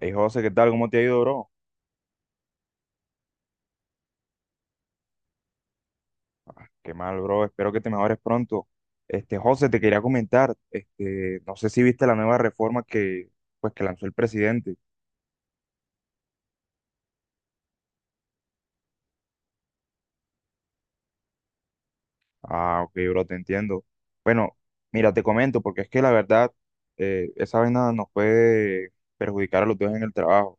Hey José, ¿qué tal? ¿Cómo te ha ido, bro? Qué mal, bro. Espero que te mejores pronto. José, te quería comentar, no sé si viste la nueva reforma pues que lanzó el presidente. Ah, ok, bro, te entiendo. Bueno, mira, te comento, porque es que la verdad, esa vaina nos puede perjudicar a los dos en el trabajo.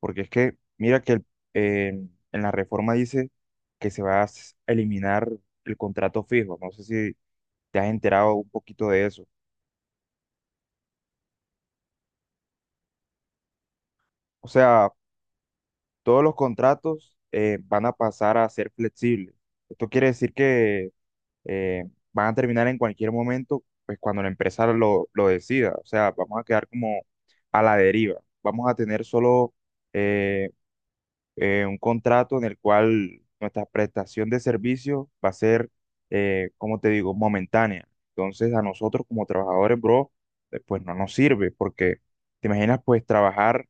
Porque es que, mira que eh, en la reforma dice que se va a eliminar el contrato fijo. No sé si te has enterado un poquito de eso. O sea, todos los contratos van a pasar a ser flexibles. Esto quiere decir que eh, van a terminar en cualquier momento, pues cuando la empresa lo decida. O sea, vamos a quedar como a la deriva. Vamos a tener solo eh, un contrato en el cual nuestra prestación de servicio va a ser, como te digo, momentánea. Entonces a nosotros como trabajadores, bro, pues no nos sirve porque te imaginas pues trabajar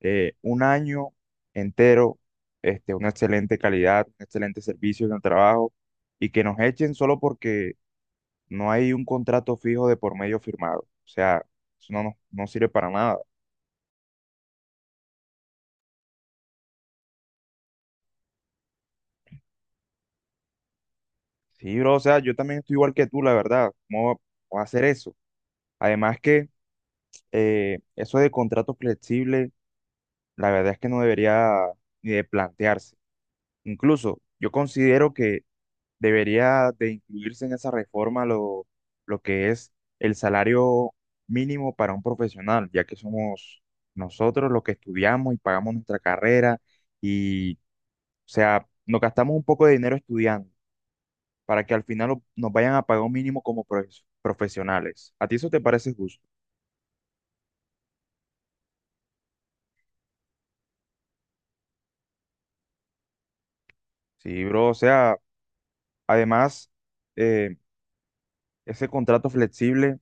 un año entero, una excelente calidad, un excelente servicio en el trabajo y que nos echen solo porque no hay un contrato fijo de por medio firmado. O sea, eso no sirve para nada. Sí, bro, o sea, yo también estoy igual que tú, la verdad. ¿Cómo va a hacer eso? Además que eso de contrato flexible, la verdad es que no debería ni de plantearse. Incluso yo considero que debería de incluirse en esa reforma lo que es el salario mínimo para un profesional, ya que somos nosotros los que estudiamos y pagamos nuestra carrera y, o sea, nos gastamos un poco de dinero estudiando para que al final nos vayan a pagar un mínimo como profesionales. ¿A ti eso te parece justo? Sí, bro, o sea. Además, eh, ese contrato flexible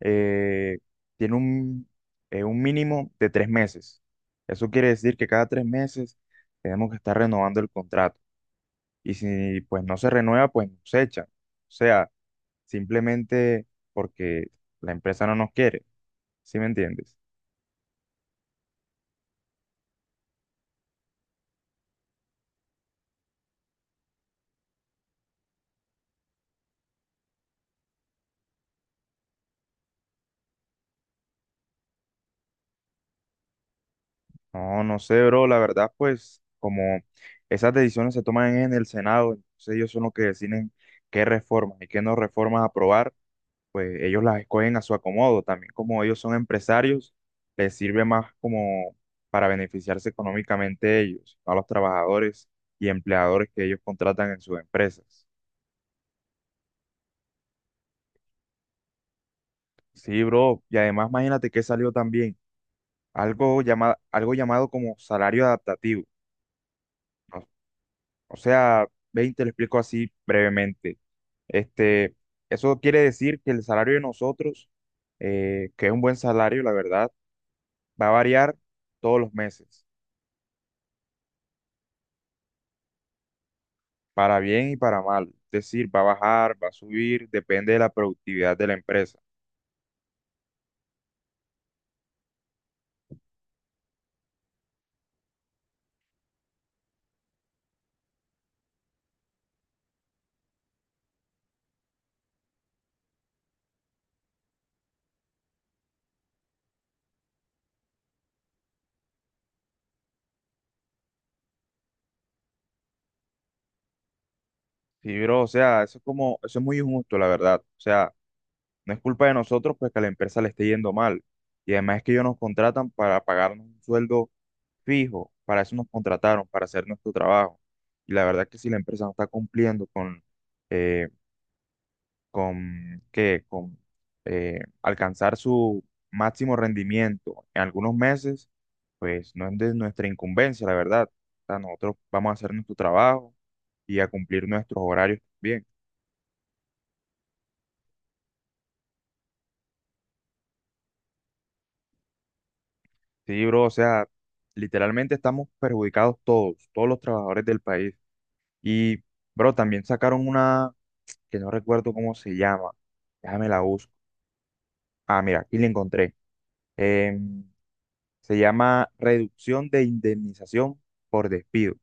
eh, tiene un mínimo de 3 meses. Eso quiere decir que cada 3 meses tenemos que estar renovando el contrato. Y si pues no se renueva, pues nos echan. O sea, simplemente porque la empresa no nos quiere. ¿Sí me entiendes? No, no sé, bro. La verdad, pues como esas decisiones se toman en el Senado, entonces ellos son los que deciden qué reformas y qué no reformas aprobar, pues ellos las escogen a su acomodo. También como ellos son empresarios, les sirve más como para beneficiarse económicamente ellos, no a los trabajadores y empleadores que ellos contratan en sus empresas. Sí, bro. Y además imagínate que salió también algo llamado como salario adaptativo. ¿No? O sea, veinte te lo explico así brevemente. Este, Eso quiere decir que el salario de nosotros, que es un buen salario, la verdad, va a variar todos los meses. Para bien y para mal. Es decir, va a bajar, va a subir, depende de la productividad de la empresa. Sí, bro, o sea, eso es muy injusto, la verdad. O sea, no es culpa de nosotros pues que a la empresa le esté yendo mal. Y además es que ellos nos contratan para pagarnos un sueldo fijo, para eso nos contrataron, para hacer nuestro trabajo. Y la verdad es que si la empresa no está cumpliendo eh, con alcanzar su máximo rendimiento en algunos meses, pues no es de nuestra incumbencia, la verdad. O sea, nosotros vamos a hacer nuestro trabajo y a cumplir nuestros horarios bien. Sí, bro, o sea, literalmente estamos perjudicados todos, todos los trabajadores del país. Y, bro, también sacaron una que no recuerdo cómo se llama. Déjame la busco. Ah, mira, aquí la encontré. Em, Se llama reducción de indemnización por despido.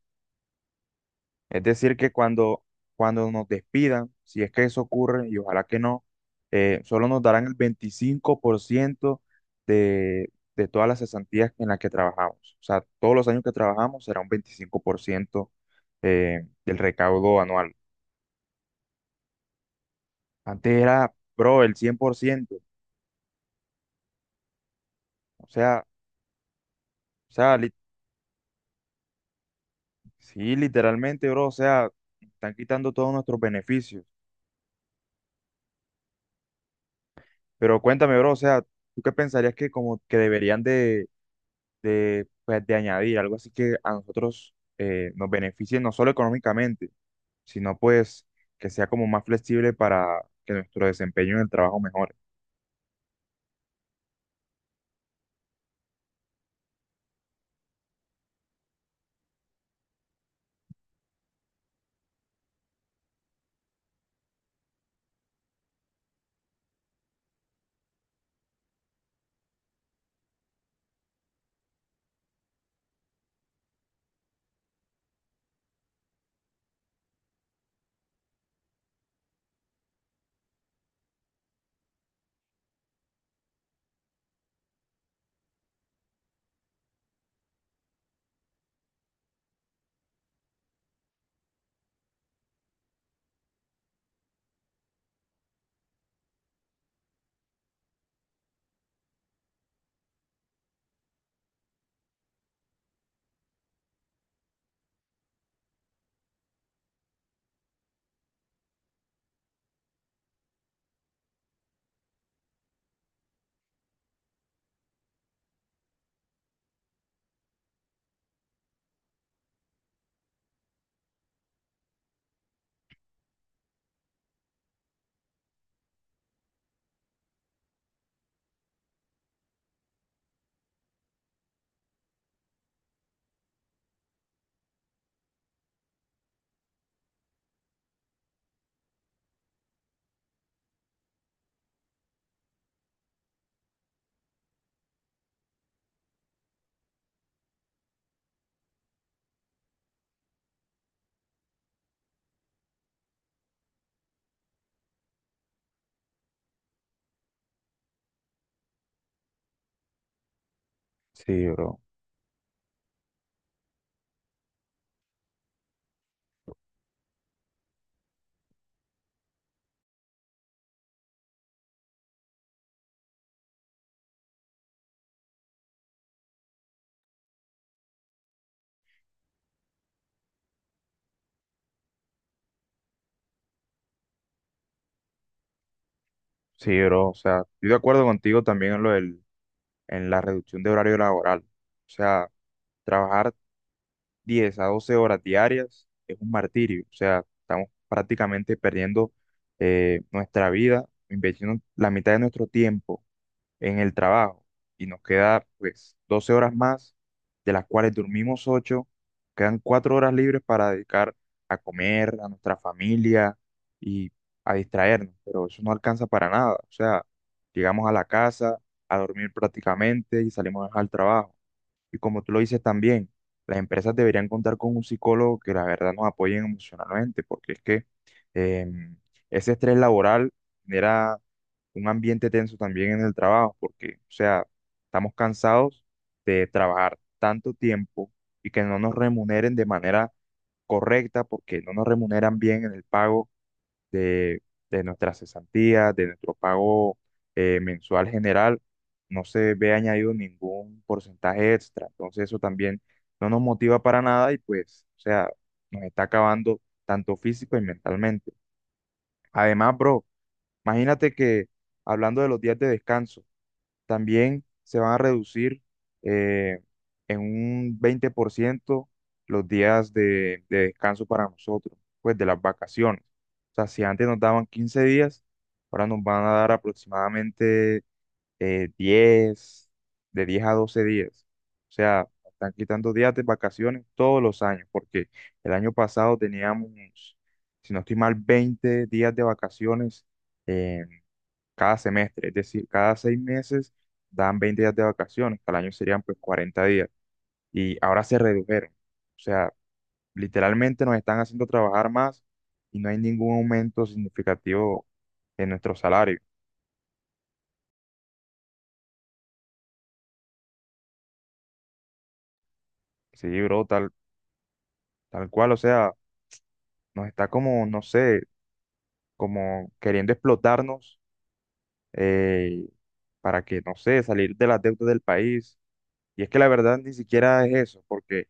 Es decir, que cuando nos despidan, si es que eso ocurre, y ojalá que no, solo nos darán el 25% de, de todas las cesantías en las que trabajamos. O sea, todos los años que trabajamos será un 25% del recaudo anual. Antes era, bro, el 100%. O sea, o sea, sí, literalmente, bro, o sea, están quitando todos nuestros beneficios. Pero cuéntame, bro, o sea, ¿tú qué pensarías que como que deberían de pues de añadir algo así que a nosotros nos beneficie no solo económicamente, sino pues que sea como más flexible para que nuestro desempeño en el trabajo mejore? Sí, bro. Sí, bro. O sea, estoy de acuerdo contigo también en en la reducción de horario laboral. O sea, trabajar 10 a 12 horas diarias es un martirio. O sea, estamos prácticamente perdiendo nuestra vida, invirtiendo la mitad de nuestro tiempo en el trabajo y nos queda pues 12 horas más, de las cuales dormimos ocho, quedan 4 horas libres para dedicar a comer, a nuestra familia y a distraernos, pero eso no alcanza para nada. O sea, llegamos a la casa a dormir prácticamente y salimos al trabajo. Y como tú lo dices también, las empresas deberían contar con un psicólogo que la verdad nos apoyen emocionalmente, porque es que em, ese estrés laboral genera un ambiente tenso también en el trabajo, porque, o sea, estamos cansados de trabajar tanto tiempo y que no nos remuneren de manera correcta, porque no nos remuneran bien en el pago de, de nuestra cesantía, de nuestro pago mensual general, no se ve añadido ningún porcentaje extra. Entonces eso también no nos motiva para nada y pues, o sea, nos está acabando tanto físico y mentalmente. Además, bro, imagínate que hablando de los días de descanso, también se van a reducir eh, en un 20% los días de descanso para nosotros, pues de las vacaciones. O sea, si antes nos daban 15 días, ahora nos van a dar aproximadamente 10, de 10 a 12 días. O sea, están quitando días de vacaciones todos los años, porque el año pasado teníamos, si no estoy mal, 20 días de vacaciones. eh, cada semestre, es decir, cada 6 meses dan 20 días de vacaciones, al año serían pues 40 días y ahora se redujeron. O sea, literalmente nos están haciendo trabajar más y no hay ningún aumento significativo en nuestro salario. Sí, bro, tal cual, o sea, nos está como, no sé, como queriendo explotarnos eh, para que, no sé, salir de las deudas del país. Y es que la verdad ni siquiera es eso, porque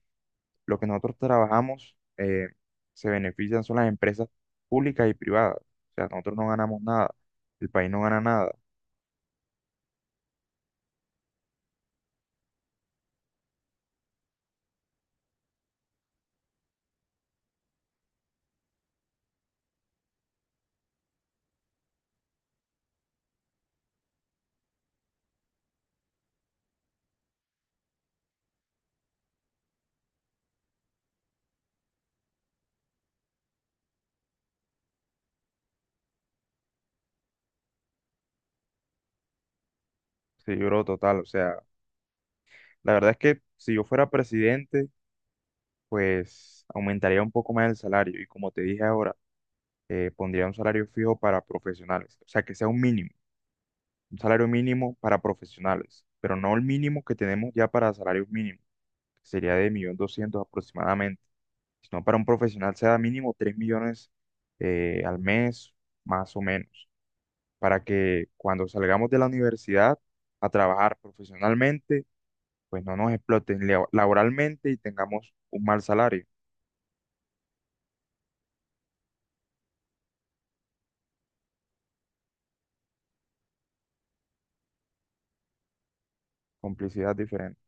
lo que nosotros trabajamos se benefician son las empresas públicas y privadas. O sea, nosotros no ganamos nada, el país no gana nada. Sí, bro, total. O sea, la verdad es que si yo fuera presidente, pues aumentaría un poco más el salario. Y como te dije ahora, pondría un salario fijo para profesionales. O sea, que sea un mínimo, un salario mínimo para profesionales, pero no el mínimo que tenemos ya para salarios mínimos, que sería de 1.200.000 aproximadamente, sino para un profesional sea mínimo 3 millones al mes, más o menos, para que cuando salgamos de la universidad a trabajar profesionalmente, pues no nos exploten laboralmente y tengamos un mal salario. Complicidad diferente.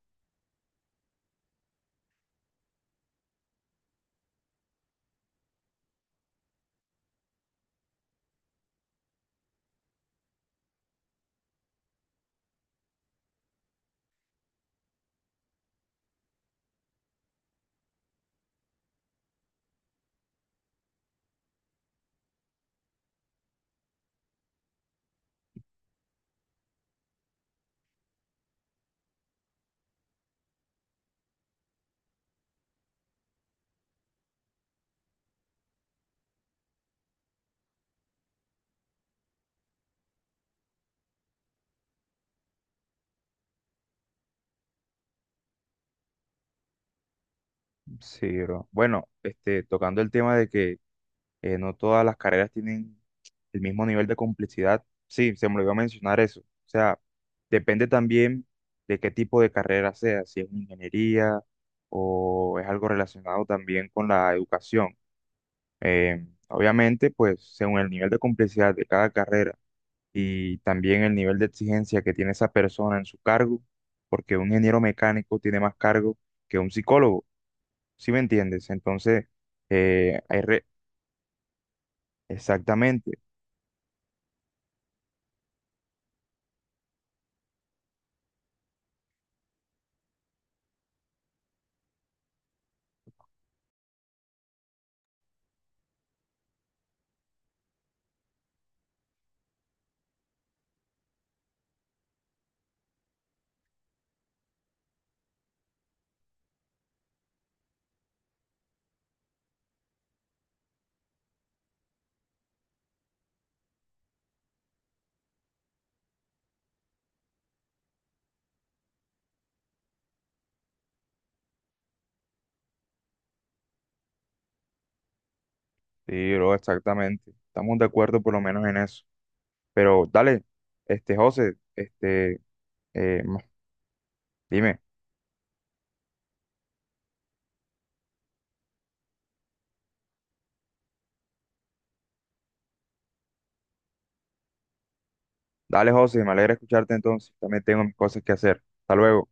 Sí, bro. Bueno, tocando el tema de que no todas las carreras tienen el mismo nivel de complejidad. Sí, se me olvidó mencionar eso. O sea, depende también de qué tipo de carrera sea, si es una ingeniería o es algo relacionado también con la educación. Obviamente, pues según el nivel de complejidad de cada carrera y también el nivel de exigencia que tiene esa persona en su cargo, porque un ingeniero mecánico tiene más cargo que un psicólogo, ¿sí me entiendes? Entonces, hay exactamente. Sí, bro, exactamente. Estamos de acuerdo por lo menos en eso. Pero dale, José, eh, mo- dime, dale José, me alegra escucharte entonces. También tengo mis cosas que hacer. Hasta luego.